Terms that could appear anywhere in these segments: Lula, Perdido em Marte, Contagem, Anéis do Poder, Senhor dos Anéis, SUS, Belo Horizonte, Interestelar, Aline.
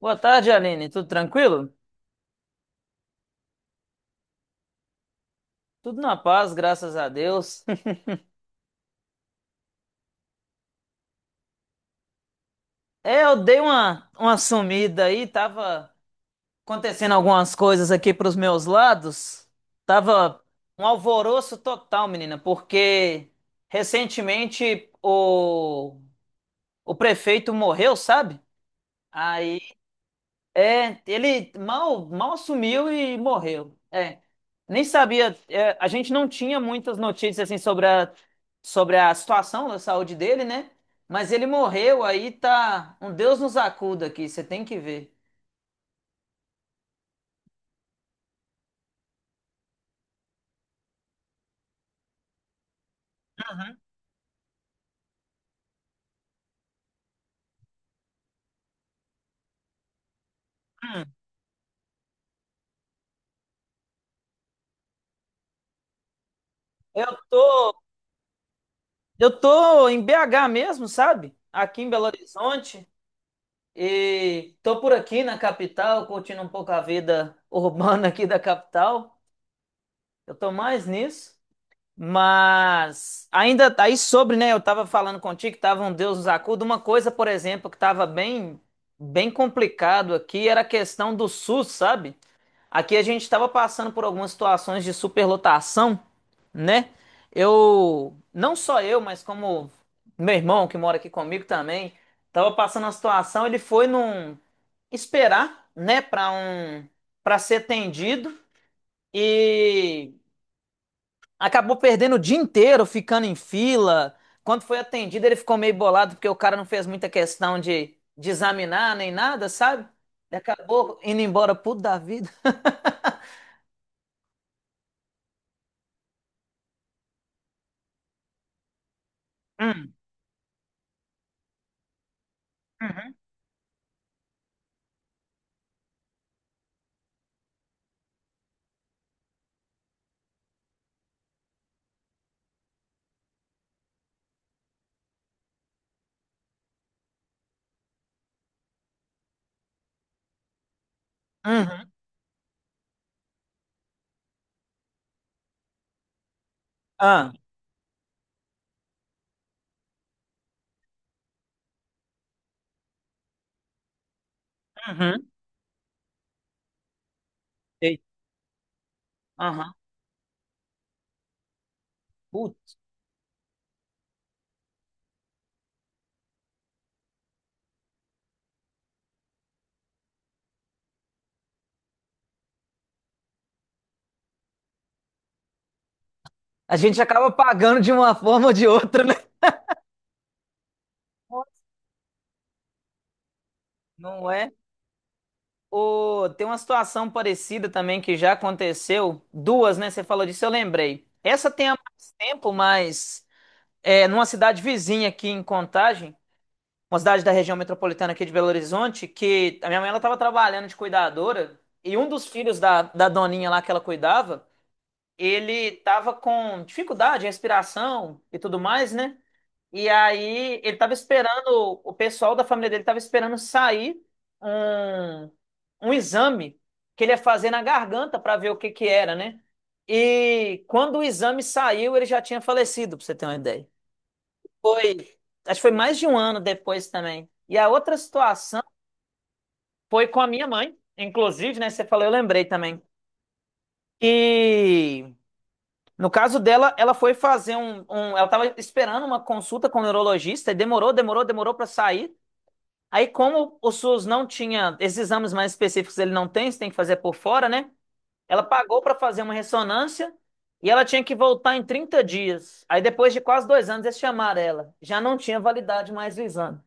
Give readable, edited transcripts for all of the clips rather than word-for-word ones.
Boa tarde, Aline. Tudo tranquilo? Tudo na paz, graças a Deus. É, eu dei uma sumida aí, tava acontecendo algumas coisas aqui pros meus lados. Tava um alvoroço total, menina, porque recentemente o prefeito morreu, sabe? Aí é, ele mal, mal assumiu e morreu. É, nem sabia. É, a gente não tinha muitas notícias assim sobre a situação da saúde dele, né? Mas ele morreu, aí tá. Um Deus nos acuda aqui, você tem que ver. Uhum. Hum. Eu tô, eu tô em BH mesmo, sabe? Aqui em Belo Horizonte. E tô por aqui na capital, curtindo um pouco a vida urbana aqui da capital. Eu tô mais nisso. Mas ainda tá aí sobre, né? Eu estava falando contigo que tava um Deus nos acuda. Uma coisa, por exemplo, que estava bem, bem complicado aqui era a questão do SUS, sabe? Aqui a gente estava passando por algumas situações de superlotação, né? Eu, não só eu, mas como meu irmão que mora aqui comigo também, estava passando uma situação. Ele foi num esperar, né? Para ser atendido e acabou perdendo o dia inteiro ficando em fila. Quando foi atendido, ele ficou meio bolado porque o cara não fez muita questão de examinar nem nada, sabe? Ele acabou indo embora puto da vida. Hum. Uhum. Uhum. Ah. Uhum. Ei. Aham. Putz. A gente acaba pagando de uma forma ou de outra, né? Não é? Ô, tem uma situação parecida também que já aconteceu. Duas, né? Você falou disso, eu lembrei. Essa tem há mais tempo, mas é, numa cidade vizinha aqui em Contagem. Uma cidade da região metropolitana aqui de Belo Horizonte, que a minha mãe, ela estava trabalhando de cuidadora e um dos filhos da doninha lá que ela cuidava, ele estava com dificuldade em respiração e tudo mais, né? E aí ele estava esperando, o pessoal da família dele estava esperando sair um, um exame que ele ia fazer na garganta para ver o que que era, né? E quando o exame saiu, ele já tinha falecido, para você ter uma ideia. Foi, acho que foi mais de um ano depois também. E a outra situação foi com a minha mãe, inclusive, né? Você falou, eu lembrei também. E no caso dela, ela foi fazer ela estava esperando uma consulta com o neurologista e demorou, demorou, demorou para sair. Aí, como o SUS não tinha esses exames mais específicos, ele não tem, você tem que fazer por fora, né? Ela pagou para fazer uma ressonância e ela tinha que voltar em 30 dias. Aí, depois de quase dois anos, eles chamaram ela. Já não tinha validade mais o exame.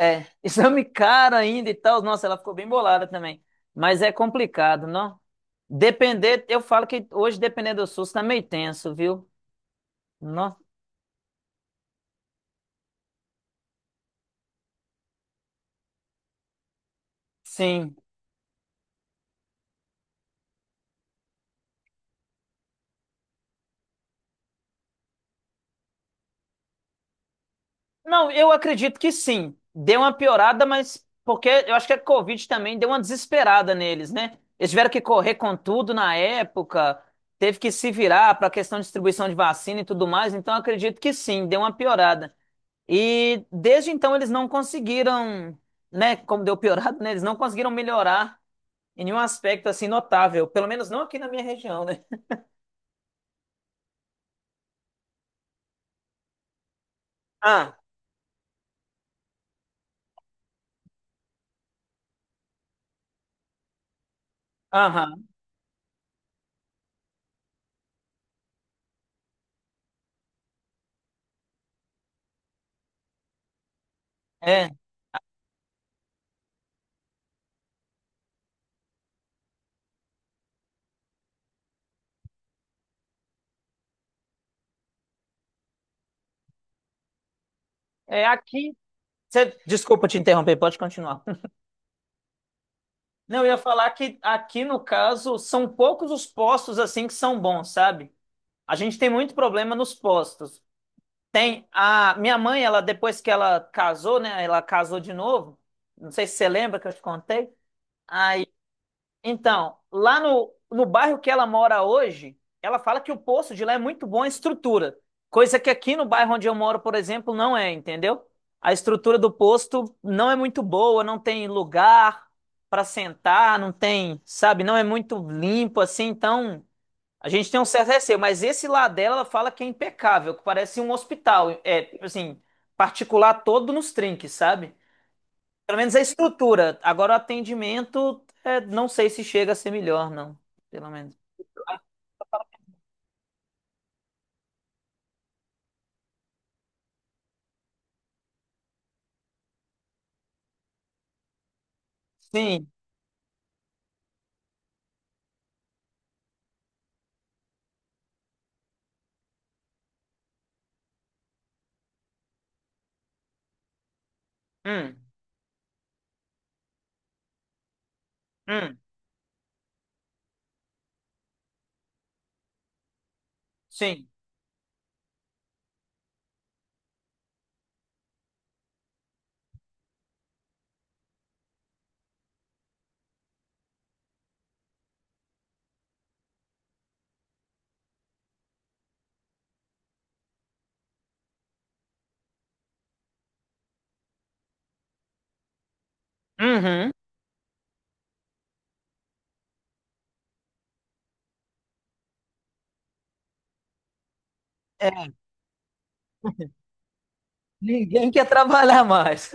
É, exame caro ainda e tal. Nossa, ela ficou bem bolada também. Mas é complicado, não? Depender, eu falo que hoje depender do SUS tá meio tenso, viu? Não? Sim. Não, eu acredito que sim. Deu uma piorada, mas porque eu acho que a Covid também deu uma desesperada neles, né? Eles tiveram que correr com tudo na época, teve que se virar para a questão de distribuição de vacina e tudo mais, então eu acredito que sim, deu uma piorada. E desde então eles não conseguiram, né, como deu piorado, né, eles não conseguiram melhorar em nenhum aspecto assim notável, pelo menos não aqui na minha região, né? Ah. Aham. É, é aqui. Cê- desculpa te interromper, pode continuar. Não, eu ia falar que aqui no caso são poucos os postos assim que são bons, sabe? A gente tem muito problema nos postos. Tem a minha mãe, ela depois que ela casou, né, ela casou de novo. Não sei se você lembra que eu te contei. Então, lá no bairro que ela mora hoje, ela fala que o poço de lá é muito bom em estrutura, coisa que aqui no bairro onde eu moro, por exemplo, não é, entendeu? A estrutura do posto não é muito boa, não tem lugar para sentar, não tem, sabe, não é muito limpo assim, então a gente tem um certo receio, mas esse lá dela, ela fala que é impecável, que parece um hospital, é, tipo assim, particular todo nos trinques, sabe? Pelo menos a estrutura. Agora o atendimento, é, não sei se chega a ser melhor, não. Pelo menos. Sim. Hum. Hum. Sim. Uhum. É. Ninguém quer trabalhar mais.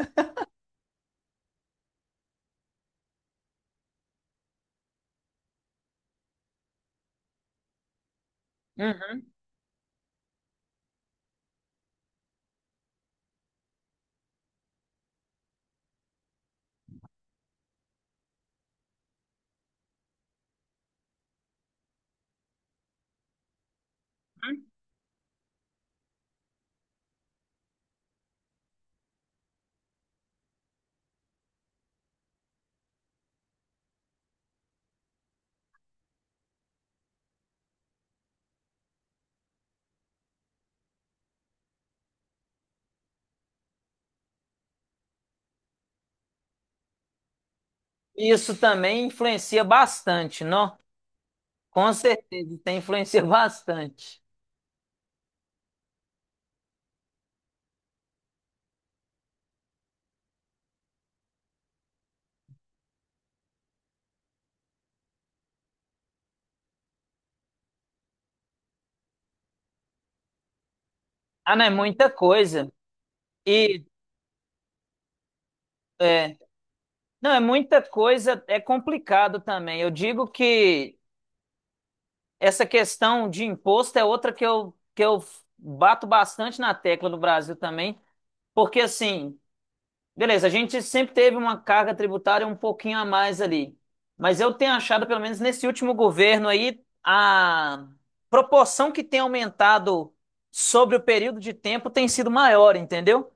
Uhum. Isso também influencia bastante, não? Com certeza, tem influencia bastante. Ah, não, é muita coisa. E é, não, é muita coisa, é complicado também. Eu digo que essa questão de imposto é outra que eu bato bastante na tecla no Brasil também, porque assim, beleza, a gente sempre teve uma carga tributária um pouquinho a mais ali, mas eu tenho achado, pelo menos nesse último governo aí, a proporção que tem aumentado sobre o período de tempo tem sido maior, entendeu?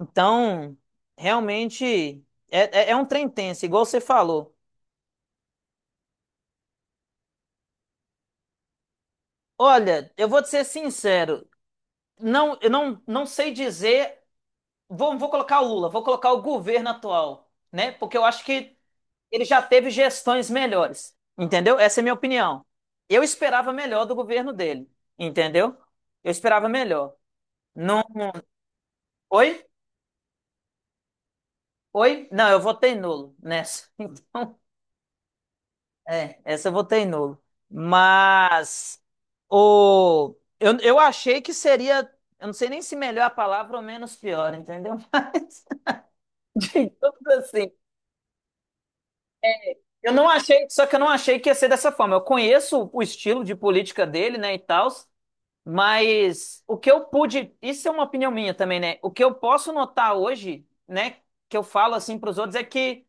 Então, realmente, é, é, é um trem tenso, igual você falou. Olha, eu vou te ser sincero, não, eu não sei dizer. Vou colocar o Lula, vou colocar o governo atual, né? Porque eu acho que ele já teve gestões melhores, entendeu? Essa é a minha opinião. Eu esperava melhor do governo dele, entendeu? Eu esperava melhor. Não. Oi? Oi? Não, eu votei nulo nessa. Então, é, essa eu votei nulo. Mas eu achei que seria, eu não sei nem se melhor a palavra ou menos pior, entendeu? Mas, digamos assim, eu não achei, só que eu não achei que ia ser dessa forma. Eu conheço o estilo de política dele, né, e tal, mas o que eu pude, isso é uma opinião minha também, né? O que eu posso notar hoje, né, que eu falo assim para os outros é que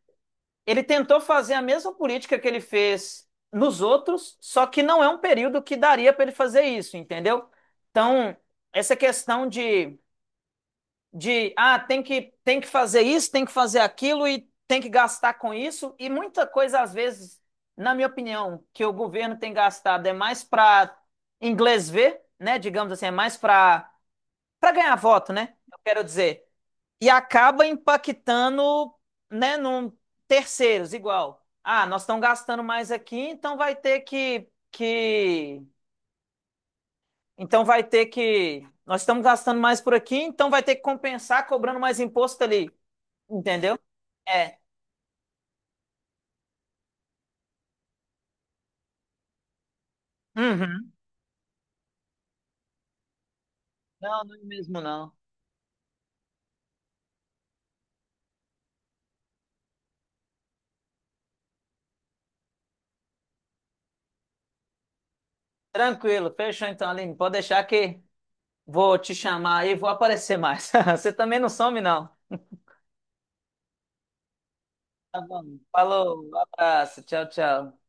ele tentou fazer a mesma política que ele fez nos outros, só que não é um período que daria para ele fazer isso, entendeu? Então, essa questão de tem que fazer isso, tem que fazer aquilo e tem que gastar com isso. E muita coisa, às vezes, na minha opinião, que o governo tem gastado é mais para inglês ver, né? Digamos assim, é mais para ganhar voto, né? Eu quero dizer. E acaba impactando, né, num terceiros, igual. Ah, nós estamos gastando mais aqui, então vai ter que. Então vai ter que. Nós estamos gastando mais por aqui, então vai ter que compensar cobrando mais imposto ali. Entendeu? É. Uhum. Não, não é mesmo não. Tranquilo, fechou então, Aline. Pode deixar que vou te chamar aí, vou aparecer mais. Você também não some, não. Tá bom. Falou, um abraço, tchau, tchau.